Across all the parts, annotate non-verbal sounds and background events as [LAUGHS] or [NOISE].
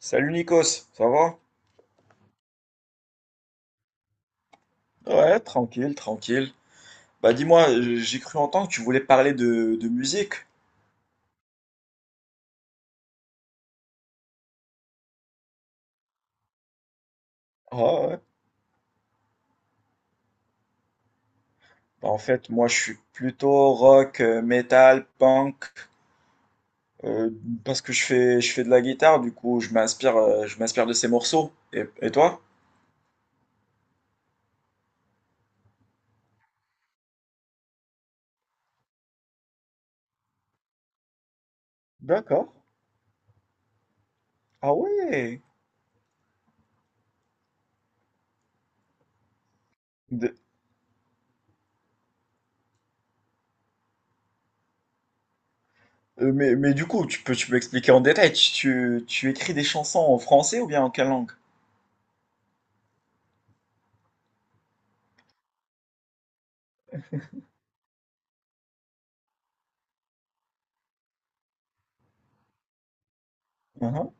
Salut Nikos, ça va? Ouais, tranquille, tranquille. Bah dis-moi, j'ai cru entendre que tu voulais parler de musique. Ah ouais. Bah, en fait, moi je suis plutôt rock, metal, punk, euh, parce que je fais de la guitare, du coup je m'inspire, je m'inspire de ces morceaux. Et toi? D'accord. Ah ouais. De- mais du coup, tu peux expliquer en détail, tu écris des chansons en français ou bien en quelle langue? Mhm.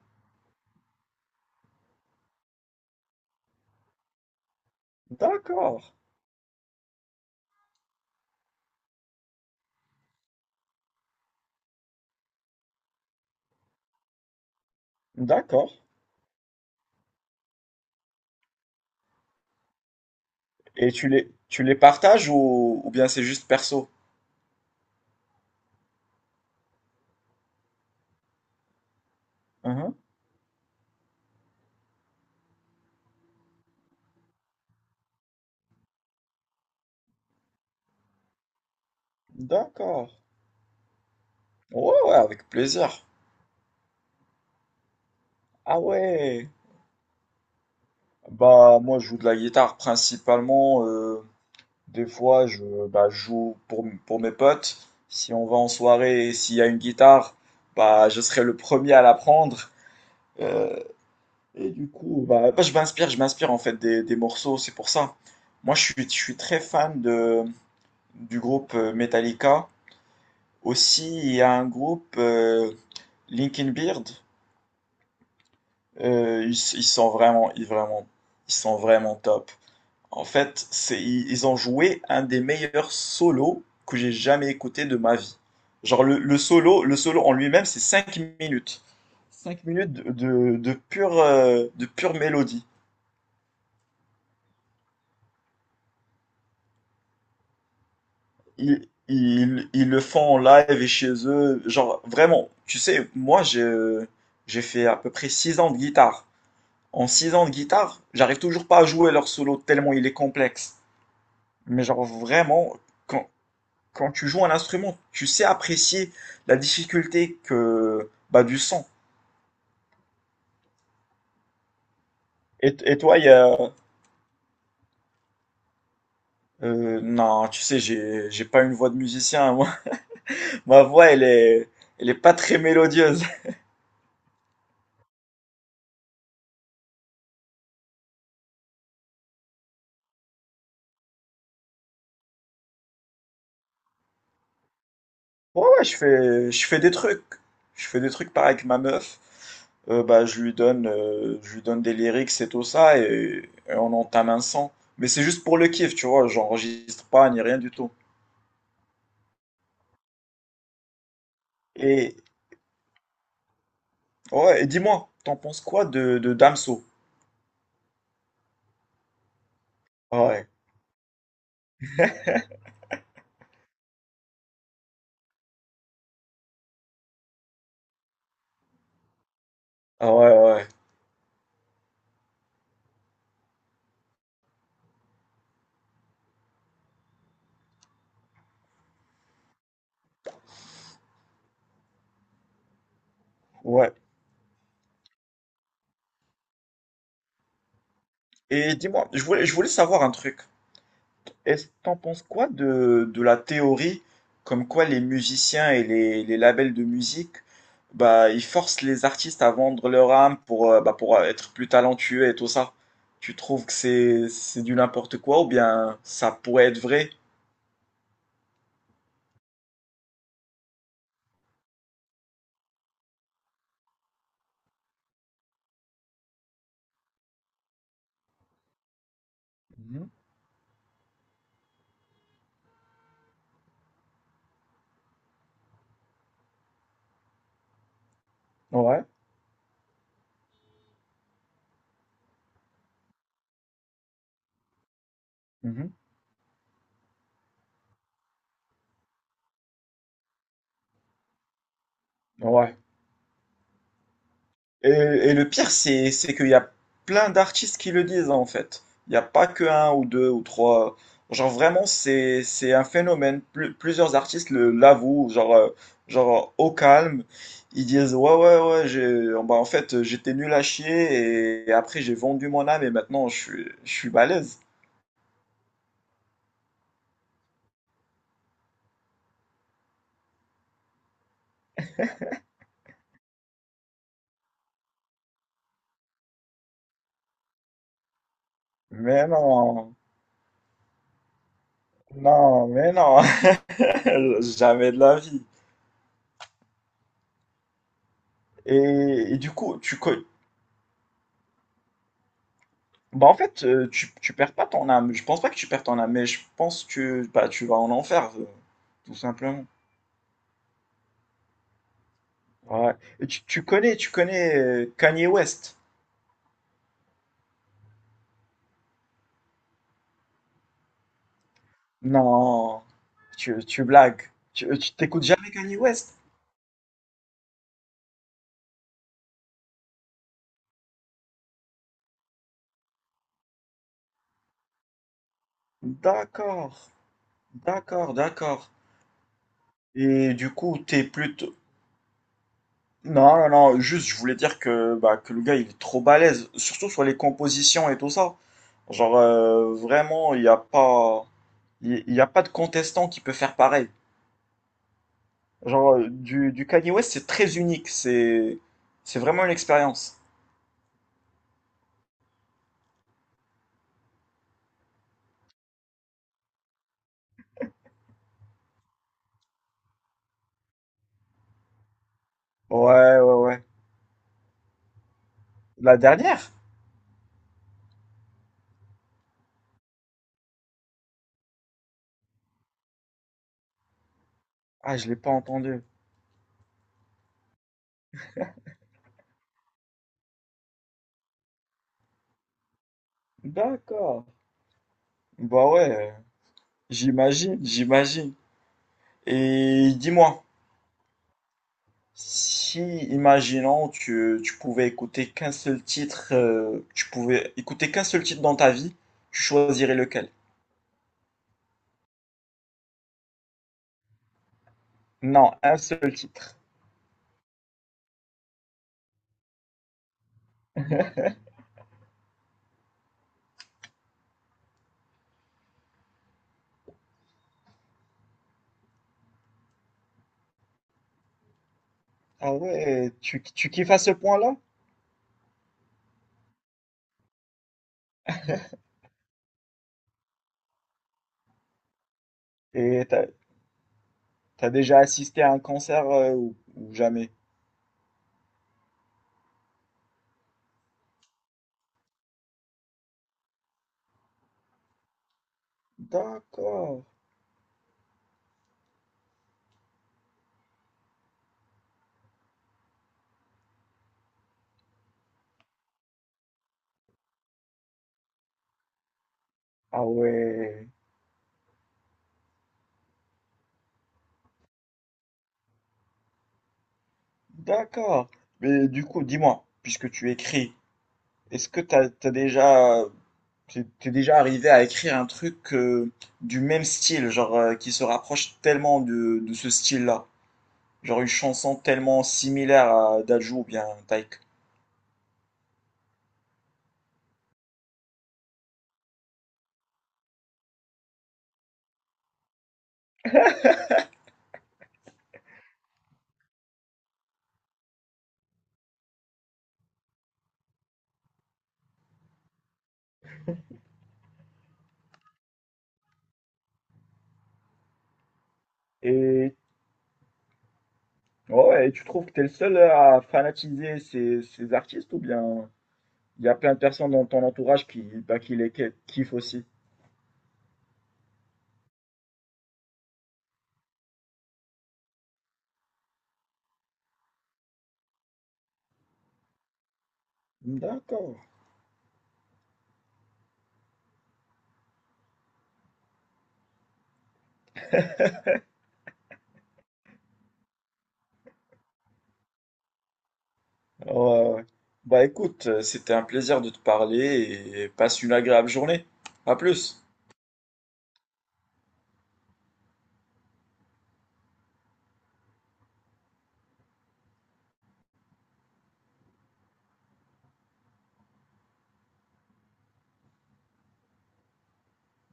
D'accord. D'accord. Et tu les partages ou bien c'est juste perso? Mhm. D'accord. Ouais, ouais, avec plaisir. Ah ouais. Bah, moi, je joue de la guitare principalement. Des fois, bah, je joue pour mes potes. Si on va en soirée et s'il y a une guitare, bah, je serai le premier à la prendre. Euh, et du coup, bah, je m'inspire en fait des morceaux, c'est pour ça. Moi, je suis très fan du groupe Metallica. Aussi, il y a un groupe, Linkin Beard, ils ils sont vraiment top. En fait, ils ont joué un des meilleurs solos que j'ai jamais écouté de ma vie. Genre le solo en lui-même, c'est 5 minutes. 5 minutes de pure mélodie. Ils le font en live et chez eux. Genre vraiment, tu sais, moi j'ai fait à peu près 6 ans de guitare. En 6 ans de guitare, j'arrive toujours pas à jouer leur solo tellement il est complexe. Mais genre vraiment, quand, quand tu joues un instrument, tu sais apprécier la difficulté que bah, du son. Et toi, non, tu sais, j'ai pas une voix de musicien. Moi. [LAUGHS] Ma voix, elle est pas très mélodieuse. Ouais, ouais, je fais des trucs. Je fais des trucs pareil avec ma meuf. Bah, je lui donne des lyrics et tout ça, et on entame un son. Mais c'est juste pour le kiff, tu vois, j'enregistre pas ni rien du tout. Et, ouais, et dis-moi, t'en penses quoi de Damso? Ah ouais, ah ouais, ouais, ouais. Ouais. Et dis-moi, je voulais savoir un truc. Est-ce t'en penses quoi de la théorie comme quoi les musiciens et les labels de musique, bah, ils forcent les artistes à vendre leur âme bah, pour être plus talentueux et tout ça. Tu trouves que c'est du n'importe quoi ou bien ça pourrait être vrai? Mhm. Ouais. Mhm. Ouais. Et le pire, c'est qu'il y a plein d'artistes qui le disent, hein, en fait. Il n'y a pas que un ou deux ou trois. Genre, vraiment, c'est un phénomène. Plusieurs artistes l'avouent, genre, au calme. Ils disent, ouais, ouais, ouais, oh, bah, en fait, j'étais nul à chier et, après, j'ai vendu mon âme et maintenant, je suis balèze. Mais non, non, mais non, [LAUGHS] jamais de la vie. Et, et du coup, bah en fait, tu perds pas ton âme. Je pense pas que tu perds ton âme, mais je pense que bah, tu vas en enfer, tout simplement. Ouais. Et tu connais Kanye West? Non, tu blagues. Tu t'écoutes jamais Kanye West? D'accord, d'accord, d'accord. Et du coup, t'es plus non, non, non, juste je voulais dire que, bah, que le gars il est trop balèze, surtout sur les compositions et tout ça. Genre vraiment, il y a pas de contestant qui peut faire pareil. Genre du Kanye West c'est très unique, c'est vraiment une expérience. Ouais, ouais, ouais. La dernière? Ah, je l'ai pas entendue. D'accord. Bah ouais, j'imagine, j'imagine. Et dis-moi. Si, imaginons, tu pouvais écouter qu'un seul titre dans ta vie, tu choisirais lequel? Non, un seul titre. Ah ouais, tu kiffes à ce point-là? Et t'as déjà assisté à un concert ou jamais? D'accord. Ah ouais, d'accord. Mais du coup, dis-moi, puisque tu écris, est-ce que t'es déjà arrivé à écrire un truc du même style, genre qui se rapproche tellement de ce style-là. Genre une chanson tellement similaire à Dajou ou bien Taïk. Et ouais, ouais, et tu trouves que t'es le seul à fanatiser ces artistes ou bien il y a plein de personnes dans ton entourage bah, qui les kiffent aussi? D'accord. Ouais, ouais. Bah écoute, c'était un plaisir de te parler et passe une agréable journée. À plus.